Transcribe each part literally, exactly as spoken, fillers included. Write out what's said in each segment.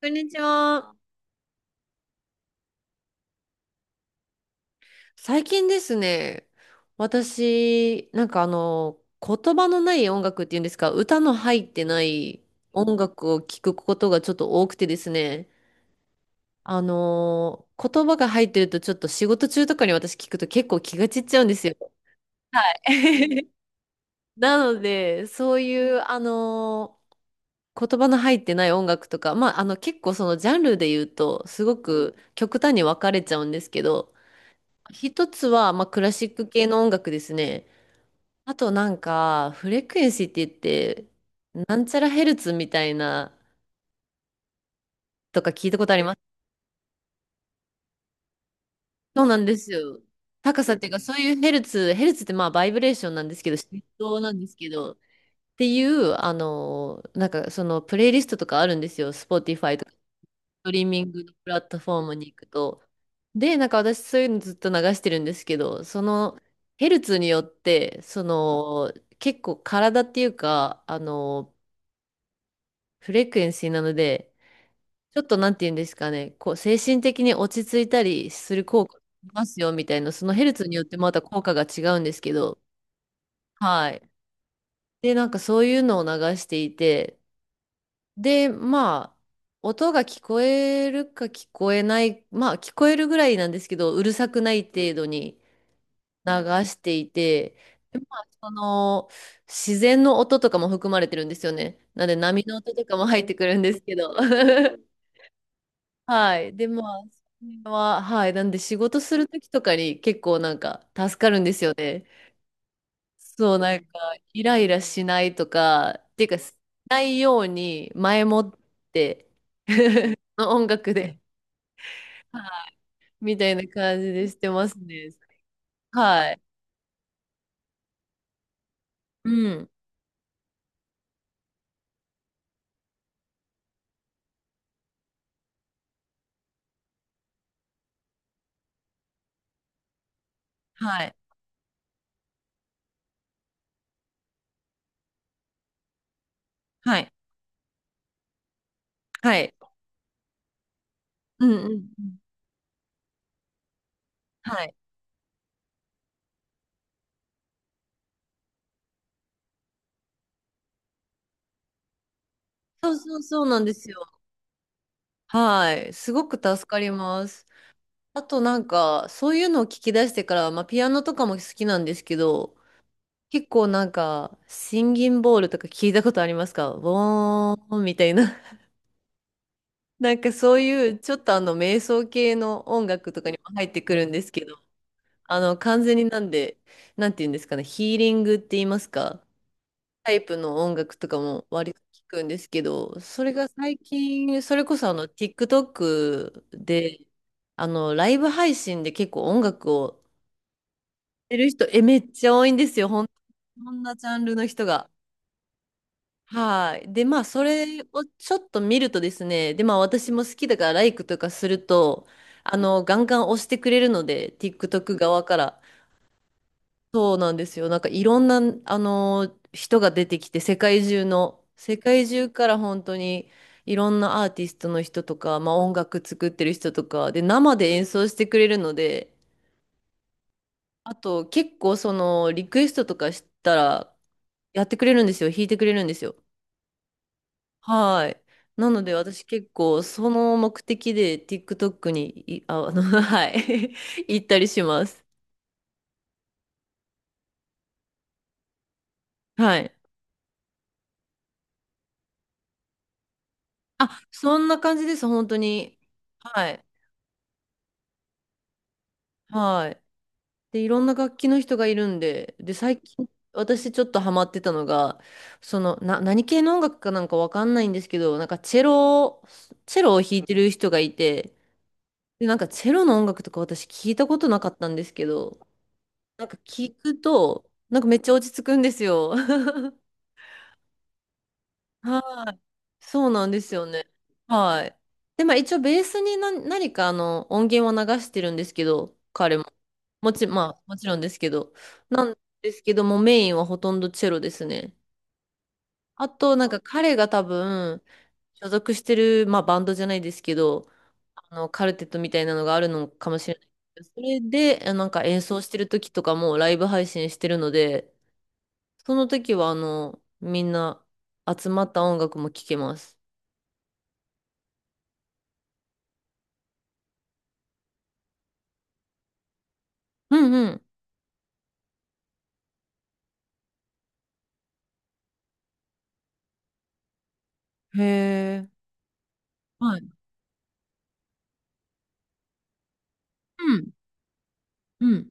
こんにちは。最近ですね、私、なんかあの、言葉のない音楽っていうんですか、歌の入ってない音楽を聴くことがちょっと多くてですね、あの、言葉が入ってるとちょっと仕事中とかに私聞くと結構気が散っちゃうんですよ。なので、そういう、あの、言葉の入ってない音楽とか、まあ、あの、結構そのジャンルで言うと、すごく極端に分かれちゃうんですけど、一つは、まあ、クラシック系の音楽ですね。あとなんか、フレクエンシーって言って、なんちゃらヘルツみたいな、とか聞いたことありますそうなんですよ。高さっていうか、そういうヘルツ、ヘルツってまあ、バイブレーションなんですけど、振動なんですけど、っていう、あの、なんかその、プレイリストとかあるんですよ。Spotify とか。トリミングのプラットフォームに行くと。で、なんか私そういうのずっと流してるんですけど、そのヘルツによって、その結構体っていうか、あの、フレクエンシーなので、ちょっとなんて言うんですかね、こう精神的に落ち着いたりする効果がありますよみたいな、そのヘルツによってまた効果が違うんですけど、はい。で、なんかそういうのを流していて、で、まあ、音が聞こえるか聞こえない、まあ、聞こえるぐらいなんですけど、うるさくない程度に流していて、でまあ、その、自然の音とかも含まれてるんですよね。なので、波の音とかも入ってくるんですけど。はい。で、まあ、それは、はい。なんで、仕事するときとかに結構なんか助かるんですよね。そう、なんか、イライラしないとか、っていうか、しないように前もって、の音楽で。はい。みたいな感じでしてますね。はい。うん。はい。はい。はい。うんうんうん。はい。そうそうそうなんですよ。はい。すごく助かります。あとなんか、そういうのを聞き出してから、まあ、ピアノとかも好きなんですけど、結構なんか、シンギンボールとか聞いたことありますかボーンみたいな。なんかそういう、ちょっとあの、瞑想系の音楽とかにも入ってくるんですけど、あの、完全になんで、なんて言うんですかね、ヒーリングって言いますか、タイプの音楽とかも割と聞くんですけど、それが最近、それこそあの、TikTok で、あの、ライブ配信で結構音楽をやってる人、え、めっちゃ多いんですよ、ほん、こんなジャンルの人が。はい。で、まあ、それをちょっと見るとですね、で、まあ、私も好きだから、ライクとかすると、あの、ガンガン押してくれるので、TikTok 側から。そうなんですよ。なんかいろんな、あの人が出てきて、世界中の、世界中から本当にいろんなアーティストの人とか、まあ、音楽作ってる人とか、で、生で演奏してくれるので、あと結構そのリクエストとかしたらやってくれるんですよ。弾いてくれるんですよ。はい。なので私結構その目的で TikTok にい、あ、あの、はい。行ったりします。はい。あ、そんな感じです、本当に。はい。はい。で、いろんな楽器の人がいるんで、で、最近、私ちょっとハマってたのが、その、な、何系の音楽かなんかわかんないんですけど、なんかチェロを、チェロを弾いてる人がいて、で、なんかチェロの音楽とか私聞いたことなかったんですけど、なんか聞くと、なんかめっちゃ落ち着くんですよ。はい。そうなんですよね。はい。で、まあ一応ベースに何、何かあの音源を流してるんですけど、彼も。もち、まあもちろんですけど。なんですけども、メインはほとんどチェロですね。あと、なんか彼が多分、所属してる、まあバンドじゃないですけど、あの、カルテットみたいなのがあるのかもしれないけど。それで、あなんか演奏してる時とかもライブ配信してるので、その時はあの、みんな集まった音楽も聴けます。うんうん。へえ。はい。うん。うん。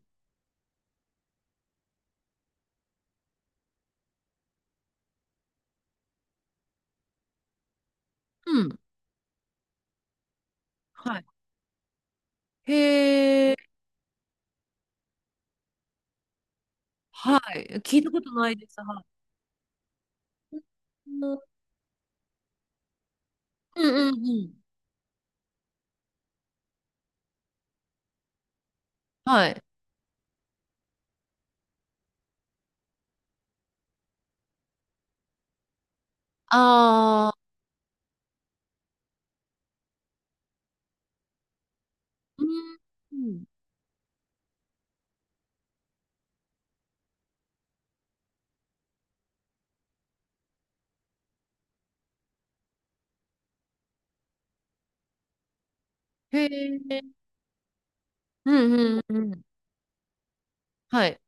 うん。はい。へえ。はい。聞いたことないです。はい。うんうんうんうん。はい。ああ、うん。へえ。うんうんうんうん。はい。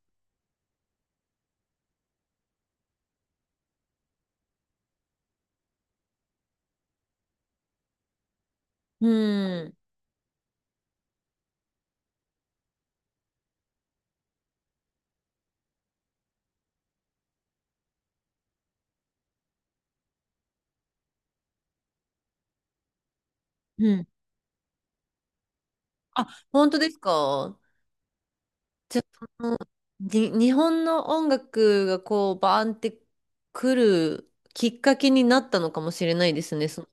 うん。うん。あ、本当ですかじゃあ、そのに、日本の音楽がこう、バーンって来るきっかけになったのかもしれないですね。その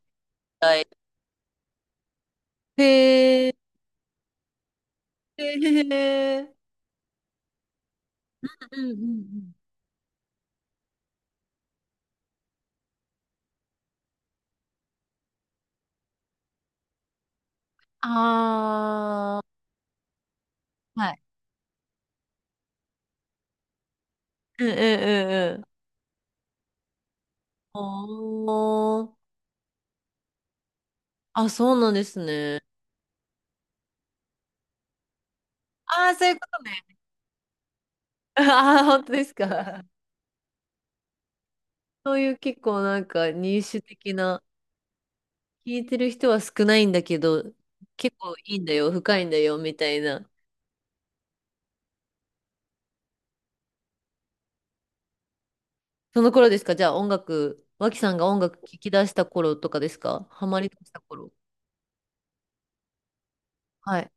へえ。へえ。うんうんうんああ、はい。うんうんうんうん。おー。あ、そうなんですね。ああ、そういうことね。ああ、本当ですか。そういう結構なんか入手的な、聞いてる人は少ないんだけど、結構いいんだよ、深いんだよ、みたいな。その頃ですかじゃあ音楽、脇さんが音楽聴き出した頃とかですかハマり出した頃。はい。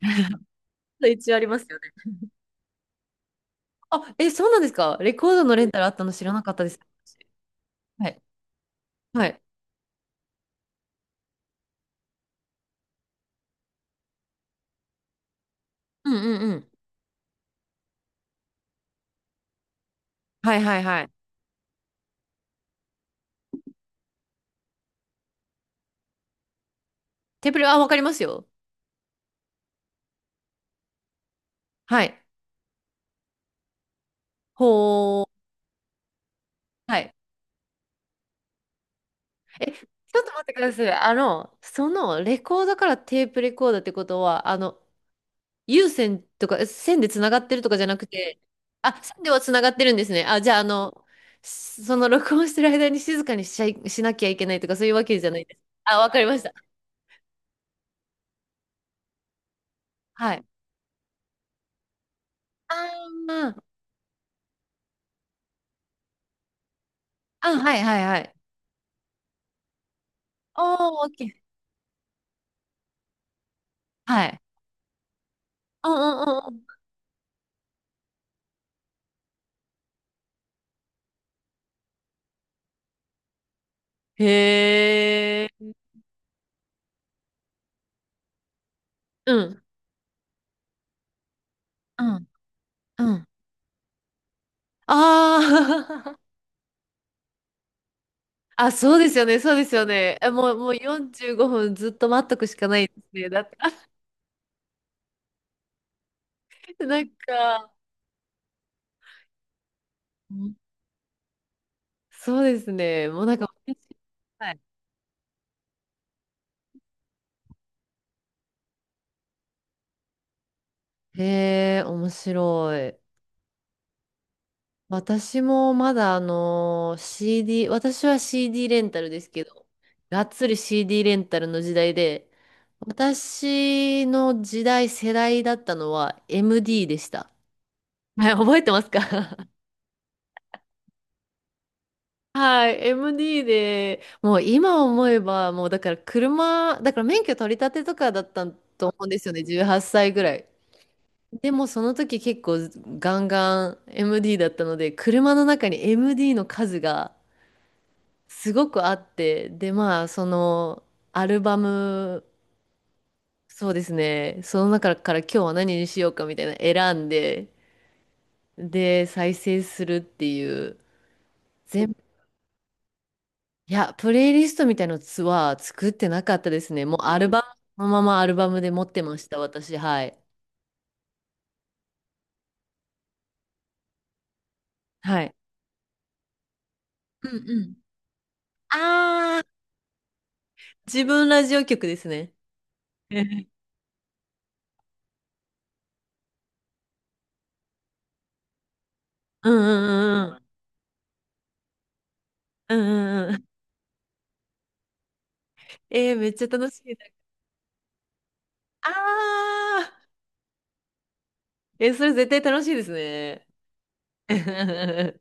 一応ありますよね。あ、え、そうなんですかレコードのレンタルあったの知らなかったです。私はい。はい。うんうんうん。はいはいはい。テーブル、あ、わかりますよ。はい。ほー。はい。え、ちょっと待ってください。あの、そのレコーダーからテープレコーダーってことは、あの、有線とか、え線でつながってるとかじゃなくて、あ、線ではつながってるんですね。あ、じゃあ、あの、その録音してる間に静かにしちゃい、しなきゃいけないとか、そういうわけじゃないです。あ、わかりました。はい。あー、あ、はいはいはい。おー、オッケー。はい。うんうんうんうん。へー。うん。うん。うんああ、あ、そうですよね、そうですよね。え、もう、もうよんじゅうごふんずっと待っとくしかないですね。だって、なんか、うんそうですね。もうなんか、私はい。へえ、面白い。私もまだあのー、シーディー、私は シーディー レンタルですけど、がっつり CD レンタルの時代で、私の時代、世代だったのは エムディー でした。はい、覚えてますか はい、エムディー で、もう今思えば、もうだから車、だから免許取り立てとかだったと思うんですよね、じゅうはっさいぐらい。でもその時結構ガンガン エムディー だったので、車の中に エムディー の数がすごくあって、でまあそのアルバム、そうですね、その中から今日は何にしようかみたいな選んで、で再生するっていう、全いや、プレイリストみたいなのは作ってなかったですね。もうアルバム、そのままアルバムで持ってました、私。はい。はい。うんうん。ああ、自分ラジオ局ですね。ええうんうんうんうん。うんうんうん。えー、めっちゃ楽しい。ああ、えそれ絶対楽しいですね。